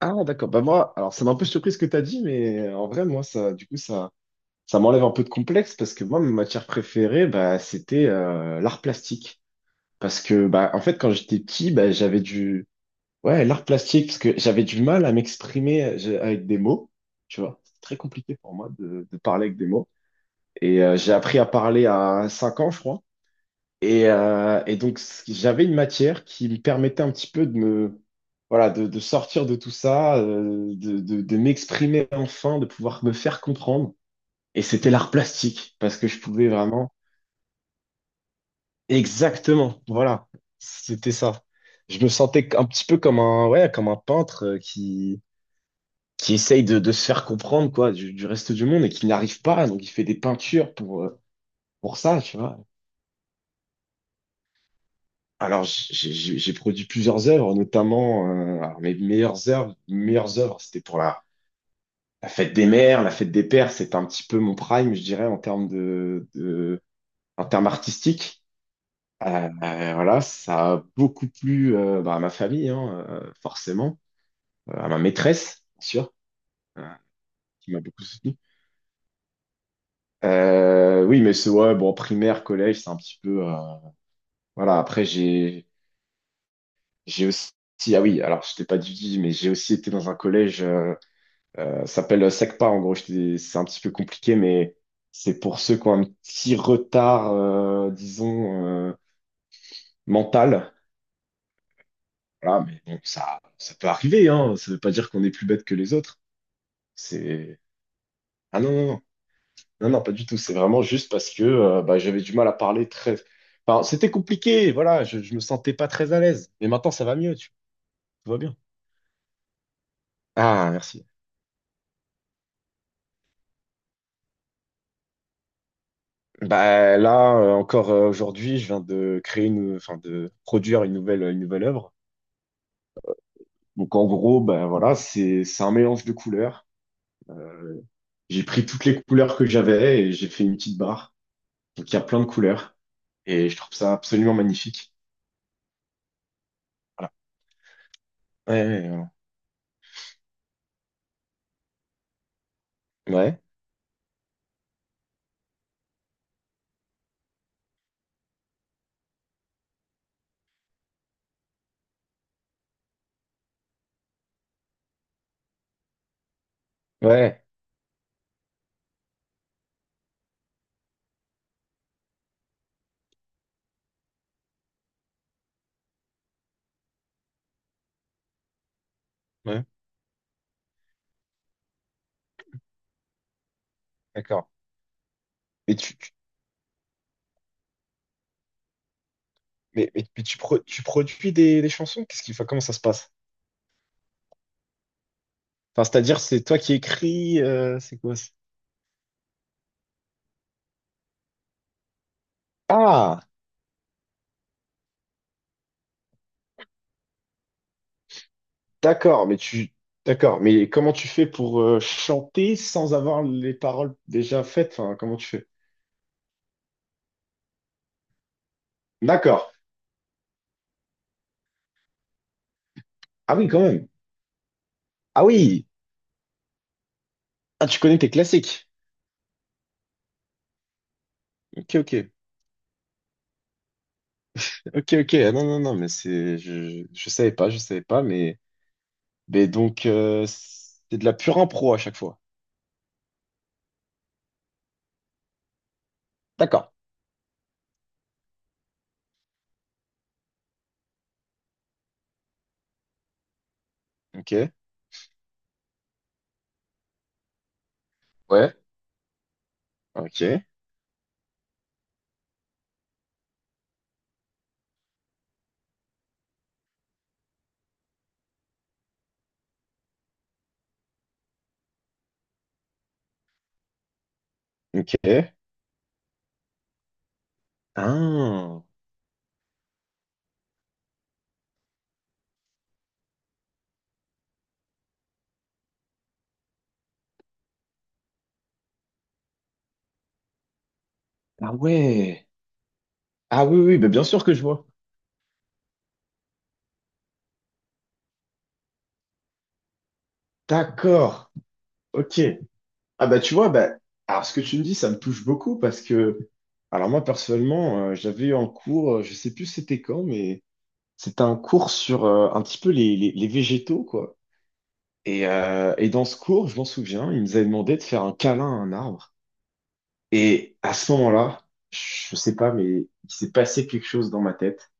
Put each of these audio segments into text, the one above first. Ah, d'accord. Bah, moi, alors, ça m'a un peu surpris ce que tu as dit, mais en vrai, moi, ça, du coup, ça m'enlève un peu de complexe parce que moi, ma matière préférée, bah, c'était l'art plastique. Parce que, bah, en fait, quand j'étais petit, bah, j'avais du, ouais, l'art plastique, parce que j'avais du mal à m'exprimer avec des mots. Tu vois, c'est très compliqué pour moi de parler avec des mots. Et j'ai appris à parler à 5 ans, je crois. Et donc, j'avais une matière qui me permettait un petit peu de me, voilà, de sortir de tout ça, de m'exprimer enfin, de pouvoir me faire comprendre. Et c'était l'art plastique, parce que je pouvais vraiment... Exactement, voilà, c'était ça. Je me sentais un petit peu comme un, ouais, comme un peintre qui essaye de se faire comprendre, quoi, du reste du monde et qui n'arrive pas. Donc, il fait des peintures pour ça, tu vois. Alors, j'ai produit plusieurs œuvres, notamment alors, mes meilleures œuvres. Meilleures œuvres, c'était pour la fête des mères, la fête des pères. C'est un petit peu mon prime, je dirais, en termes en termes artistiques. Voilà, ça a beaucoup plu bah, à ma famille, hein, forcément, à ma maîtresse, bien sûr, euh, qui m'a beaucoup soutenu. Oui, mais c'est ouais, bon, primaire, collège, c'est un petit peu, voilà. Après, j'ai aussi, ah oui, alors je t'ai pas dit, mais j'ai aussi été dans un collège. Ça s'appelle SECPA, en gros, c'est un petit peu compliqué, mais c'est pour ceux qui ont un petit retard, disons, mental. Voilà, mais bon, ça peut arriver, hein. Ça veut pas dire qu'on est plus bête que les autres. C'est... Ah non, non, non, non, non, pas du tout. C'est vraiment juste parce que bah, j'avais du mal à parler très... Enfin, c'était compliqué, voilà, je me sentais pas très à l'aise. Mais maintenant, ça va mieux, tu tout va bien. Ah, merci. Bah, là, encore aujourd'hui, je viens de créer une, enfin, de produire une nouvelle œuvre. Donc en gros, ben voilà, c'est un mélange de couleurs. Euh, j'ai pris toutes les couleurs que j'avais et j'ai fait une petite barre. Donc il y a plein de couleurs et je trouve ça absolument magnifique. Voilà. Ouais, ouais, ouais, ouais, ouais, ouais, d'accord. Mais tu, tu- mais tu, tu produis des chansons? Qu'est-ce qu'il faut, comment ça se passe? Enfin, c'est-à-dire, c'est toi qui écris, c'est quoi? Ah, d'accord, d'accord, mais comment tu fais pour chanter sans avoir les paroles déjà faites? Enfin, comment tu fais? D'accord. Ah oui, quand même. Ah oui! Ah, tu connais tes classiques. Ok, ok. Ok, ok. Ah non, non, non, mais c'est. Je savais pas, je savais pas, mais. Mais donc, c'est de la pure impro à chaque fois. D'accord. Ok. Ouais. Ok. Ok. Ah. Ah ouais. Ah oui, oui, bah bien sûr que je vois. D'accord. Ok. Ah bah tu vois, bah. Alors ce que tu me dis, ça me touche beaucoup parce que. Alors moi, personnellement, j'avais eu un cours, je sais plus c'était quand, mais. C'était un cours sur un petit peu les, les végétaux, quoi. Et dans ce cours, je m'en souviens, il nous avait demandé de faire un câlin à un arbre. Et à ce moment-là, je sais pas, mais il s'est passé quelque chose dans ma tête.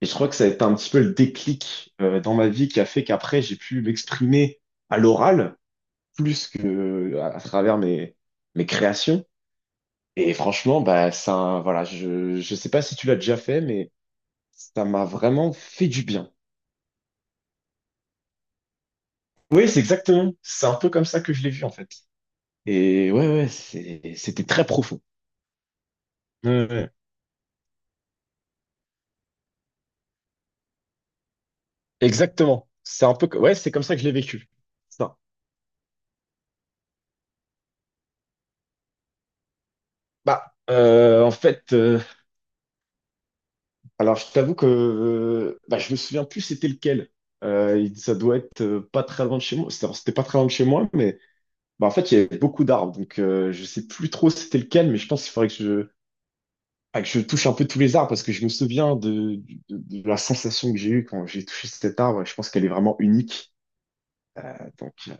Et je crois que ça a été un petit peu le déclic dans ma vie qui a fait qu'après, j'ai pu m'exprimer à l'oral plus que à travers mes, mes créations. Et franchement, bah, ça, voilà, je sais pas si tu l'as déjà fait, mais ça m'a vraiment fait du bien. Oui, c'est exactement. C'est un peu comme ça que je l'ai vu, en fait. Et ouais, ouais, c'était très profond. Ouais, ouais. Exactement. C'est un peu, ouais, c'est comme ça que je l'ai vécu. Ça. Bah, en fait, alors je t'avoue que bah, je me souviens plus c'était lequel. Ça doit être pas très loin de chez moi. C'était alors, c'était pas très loin de chez moi, mais bah, en fait, il y avait beaucoup d'arbres. Donc, je sais plus trop c'était lequel, mais je pense qu'il faudrait que je, ah, que je touche un peu tous les arbres parce que je me souviens de, de, de la sensation que j'ai eue quand j'ai touché cet arbre. Je pense qu'elle est vraiment unique. Euh, donc,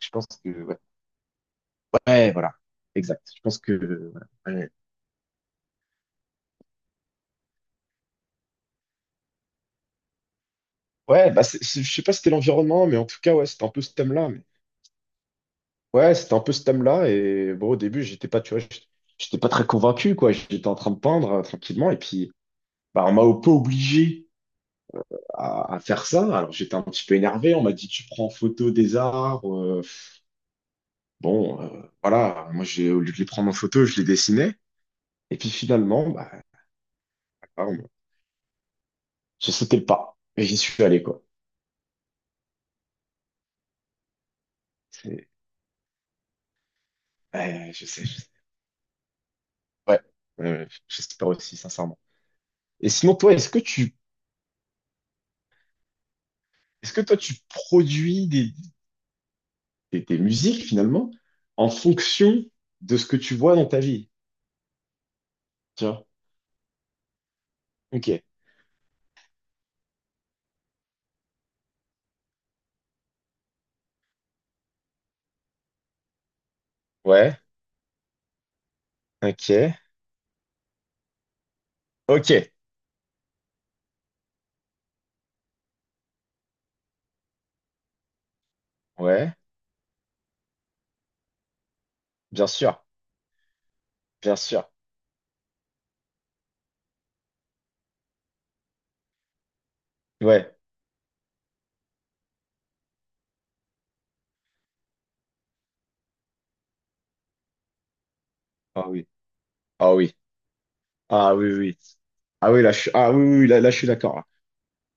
je pense que, ouais, Ouais, voilà, exact. Je pense que. Ouais. Ouais. Ouais, bah je sais pas si c'était l'environnement, mais en tout cas, ouais, c'était un peu ce thème-là. Mais- Ouais, c'était un peu ce thème-là. Et bon, au début, j'étais pas, tu vois, j'étais j'étais pas très convaincu, quoi. J'étais en train de peindre tranquillement. Et puis, bah, on m'a un peu obligé à faire ça. Alors, j'étais un petit peu énervé. On m'a dit, tu prends en photo des arbres. Bon, voilà. Moi, j'ai, au lieu de les prendre en photo, je les dessinais. Et puis, finalement, bah, ah, on- j'ai sauté le pas. Et j'y suis allé, quoi. C'est- Ouais, je sais, je sais. Ouais, ouais, ouais, j'espère aussi, sincèrement. Et sinon, toi, est-ce que tu Est-ce que toi, tu produis des, des musiques finalement en fonction de ce que tu vois dans ta vie? Tu vois? Ok. Ouais. Ok. Ok. Ouais. Bien sûr. Bien sûr. Ouais. Ah oui. Ah oui. Ah oui, oui. Oui. Ah oui, là, je suis, ah oui, oui, oui, là, là, je suis d'accord. Là.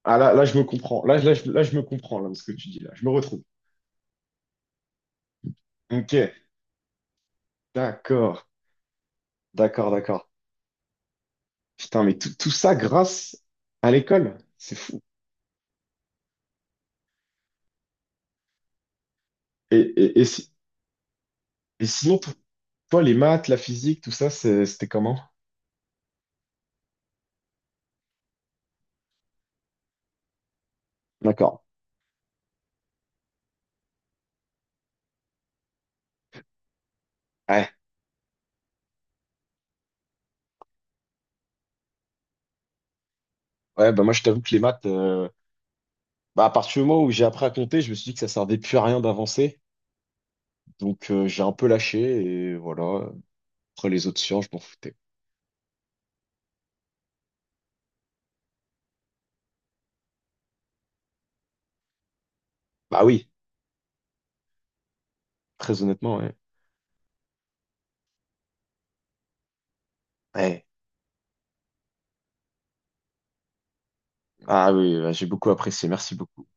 Ah là, là, je me comprends. Là, là, je me comprends, là, de ce que tu dis, là. Je me retrouve. Ok. D'accord. D'accord, d'accord. Putain, mais tout, tout ça grâce à l'école. C'est fou. Et, si- et sinon, toi, les maths, la physique, tout ça, c'était comment? D'accord. Ouais, ouais, bah moi je t'avoue que les maths, bah à partir du moment où j'ai appris à compter, je me suis dit que ça servait plus à rien d'avancer. Donc j'ai un peu lâché et voilà. Après les autres sciences, je m'en foutais. Bah oui, très honnêtement, ouais. Ouais. Ah oui, ouais, j'ai beaucoup apprécié, merci beaucoup.